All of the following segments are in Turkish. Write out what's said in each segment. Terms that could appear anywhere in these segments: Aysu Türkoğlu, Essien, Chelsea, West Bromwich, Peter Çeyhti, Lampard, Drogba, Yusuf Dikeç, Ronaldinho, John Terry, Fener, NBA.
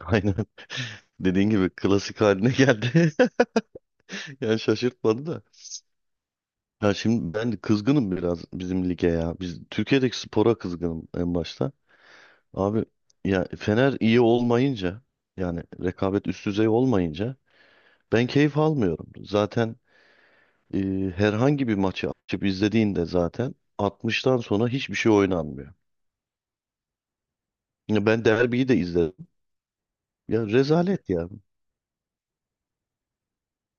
Aynen dediğin gibi klasik haline geldi. Yani şaşırtmadı da. Ya şimdi ben kızgınım biraz bizim lige ya. Biz Türkiye'deki spora kızgınım en başta. Abi ya Fener iyi olmayınca, yani rekabet üst düzey olmayınca ben keyif almıyorum. Zaten e, herhangi bir maçı açıp izlediğinde zaten 60'tan sonra hiçbir şey oynanmıyor. Ya ben derbiyi de izledim. Ya rezalet ya.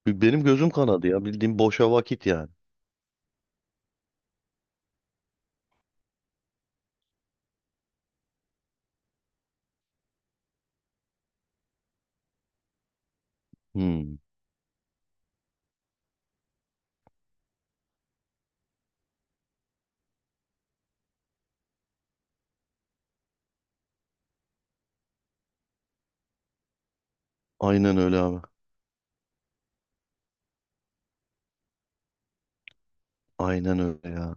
Benim gözüm kanadı ya. Bildiğim boşa vakit yani. Hmm. Aynen öyle abi. Aynen öyle ya.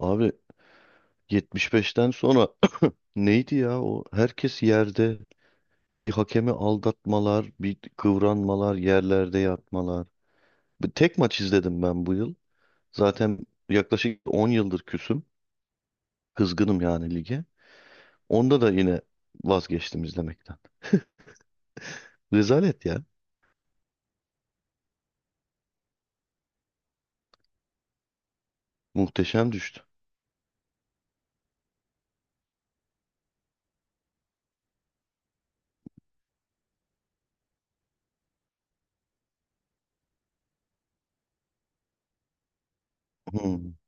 Abi 75'ten sonra neydi ya o? Herkes yerde. Bir hakemi aldatmalar, bir kıvranmalar, yerlerde yatmalar. Bir tek maç izledim ben bu yıl. Zaten yaklaşık 10 yıldır küsüm. Kızgınım yani lige. Onda da yine vazgeçtim izlemekten. Rezalet ya. Muhteşem düştü. Hmm.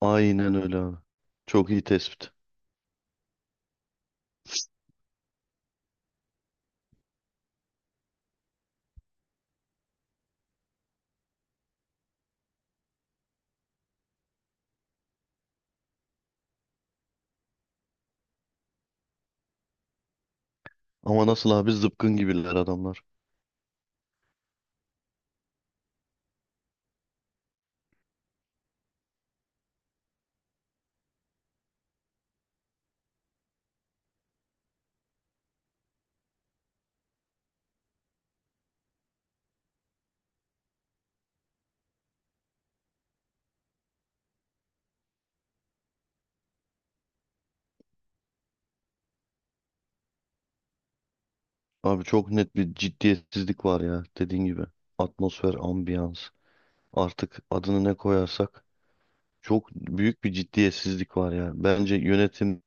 Aynen öyle abi. Çok iyi tespit. Ama nasıl abi, zıpkın gibiler adamlar. Abi çok net bir ciddiyetsizlik var ya, dediğin gibi. Atmosfer, ambiyans, artık adını ne koyarsak, çok büyük bir ciddiyetsizlik var ya. Bence yönetimler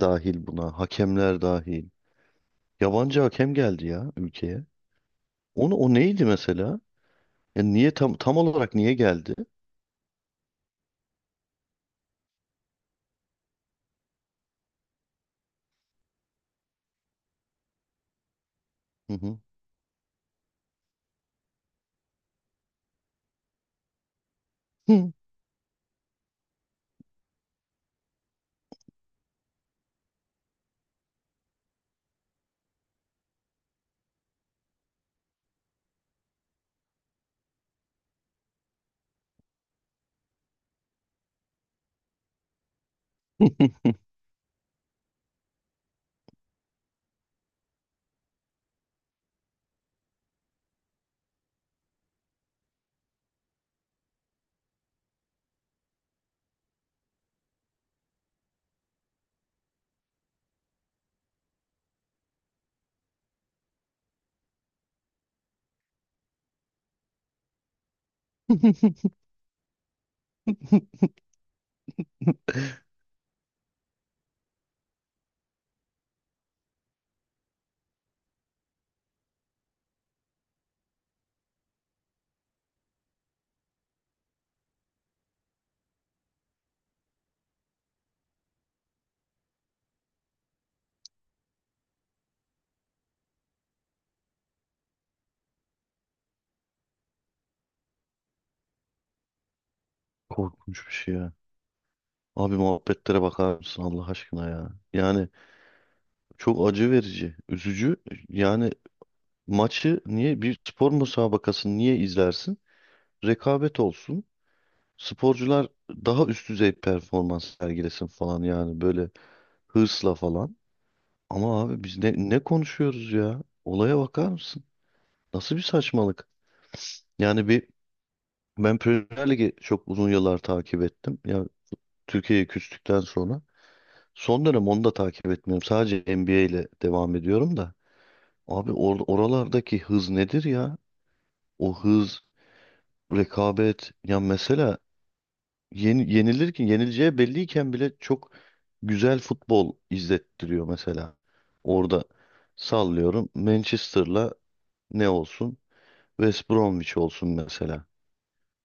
dahil buna, hakemler dahil. Yabancı hakem geldi ya ülkeye. Onu, o neydi mesela? Ya niye tam olarak niye geldi? Hı hı. Hı. Korkunç bir şey ya. Abi, muhabbetlere bakar mısın Allah aşkına ya? Yani çok acı verici, üzücü. Yani maçı niye, bir spor müsabakasını niye izlersin? Rekabet olsun. Sporcular daha üst düzey performans sergilesin falan, yani böyle hırsla falan. Ama abi biz ne konuşuyoruz ya? Olaya bakar mısın? Nasıl bir saçmalık? Yani bir, ben Premier Lig'i çok uzun yıllar takip ettim. Ya Türkiye'ye küstükten sonra. Son dönem onu da takip etmiyorum. Sadece NBA ile devam ediyorum da. Abi, oralardaki hız nedir ya? O hız, rekabet. Ya mesela yenilirken, yenileceği belliyken bile çok güzel futbol izlettiriyor mesela. Orada sallıyorum, Manchester'la ne olsun? West Bromwich olsun mesela.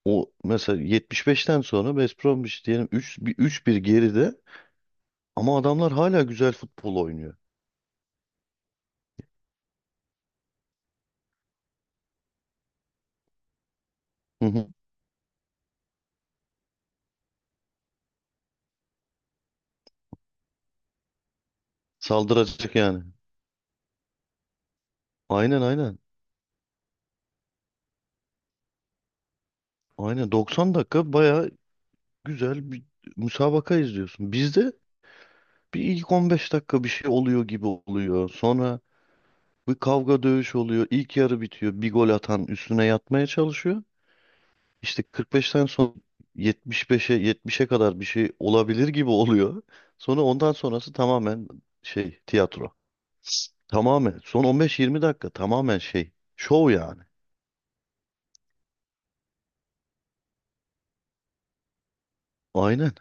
O mesela 75'ten sonra West Bromwich diyelim 3 bir, 3-1 geride ama adamlar hala güzel futbol oynuyor. Hı hı. Saldıracak yani. Aynen aynen. Aynen 90 dakika bayağı güzel bir müsabaka izliyorsun. Bizde bir ilk 15 dakika bir şey oluyor gibi oluyor. Sonra bir kavga dövüş oluyor. İlk yarı bitiyor. Bir gol atan üstüne yatmaya çalışıyor. İşte 45'ten sonra 75'e 70'e kadar bir şey olabilir gibi oluyor. Sonra ondan sonrası tamamen şey, tiyatro. Tamamen son 15-20 dakika tamamen şey, şov yani. Aynen.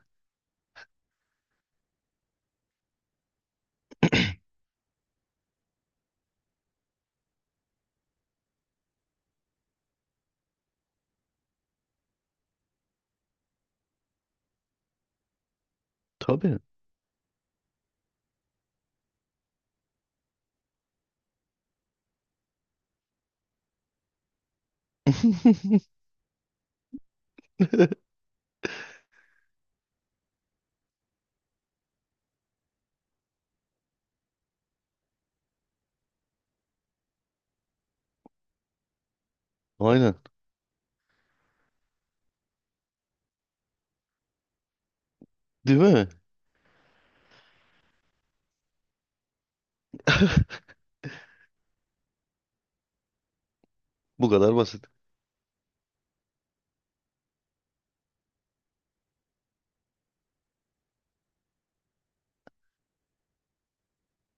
Tabii. Aynen. Değil mi? Bu kadar basit.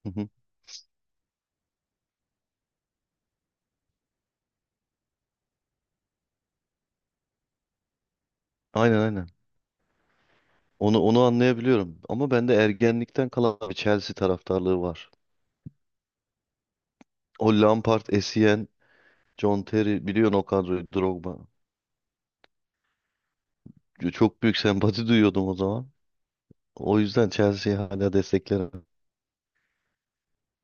Hı hı. Aynen aynen. Onu anlayabiliyorum. Ama bende ergenlikten kalan bir Chelsea taraftarlığı var. O Lampard, Essien, John Terry, biliyorsun o kadroyu, Drogba. Çok büyük sempati duyuyordum o zaman. O yüzden Chelsea'yi hala desteklerim.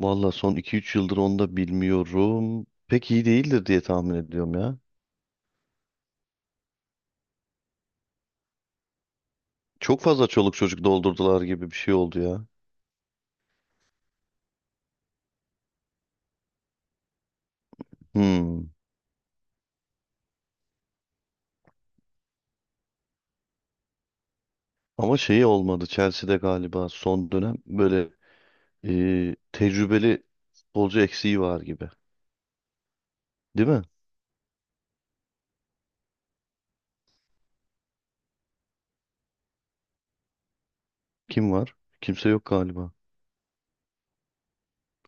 Valla son iki üç yıldır onu da bilmiyorum. Pek iyi değildir diye tahmin ediyorum ya. Çok fazla çoluk çocuk doldurdular gibi bir şey oldu ya. Hmm. Ama şeyi olmadı Chelsea'de galiba son dönem böyle, tecrübeli futbolcu eksiği var gibi. Değil mi? Kim var? Kimse yok galiba.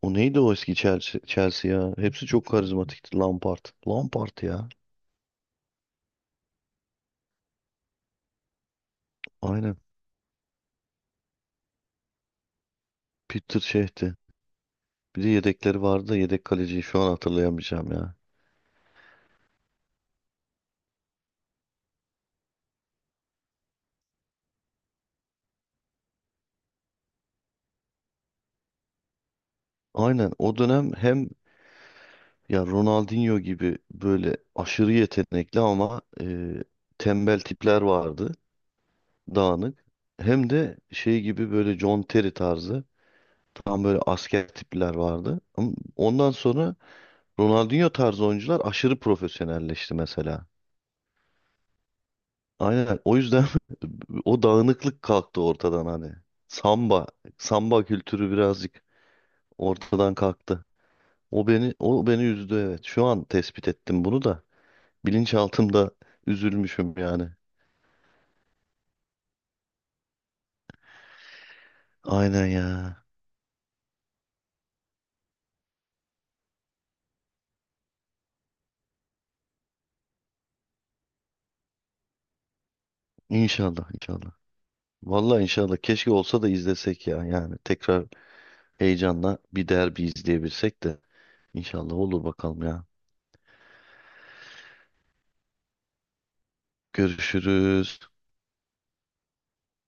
O neydi o eski Chelsea ya? Hepsi çok karizmatikti. Lampard. Lampard ya. Aynen. Peter şeyhti. Bir de yedekleri vardı da yedek kaleciyi şu an hatırlayamayacağım ya. Aynen o dönem hem, ya Ronaldinho gibi böyle aşırı yetenekli ama tembel tipler vardı. Dağınık. Hem de şey gibi, böyle John Terry tarzı tam böyle asker tipler vardı. Ama ondan sonra Ronaldinho tarzı oyuncular aşırı profesyonelleşti mesela. Aynen, o yüzden o dağınıklık kalktı ortadan hani. Samba, samba kültürü birazcık ortadan kalktı. O beni üzdü, evet. Şu an tespit ettim bunu da. Bilinçaltımda üzülmüşüm yani. Aynen ya. İnşallah inşallah. Vallahi inşallah, keşke olsa da izlesek ya. Yani tekrar heyecanla bir derbi izleyebilsek de. İnşallah olur bakalım ya. Görüşürüz.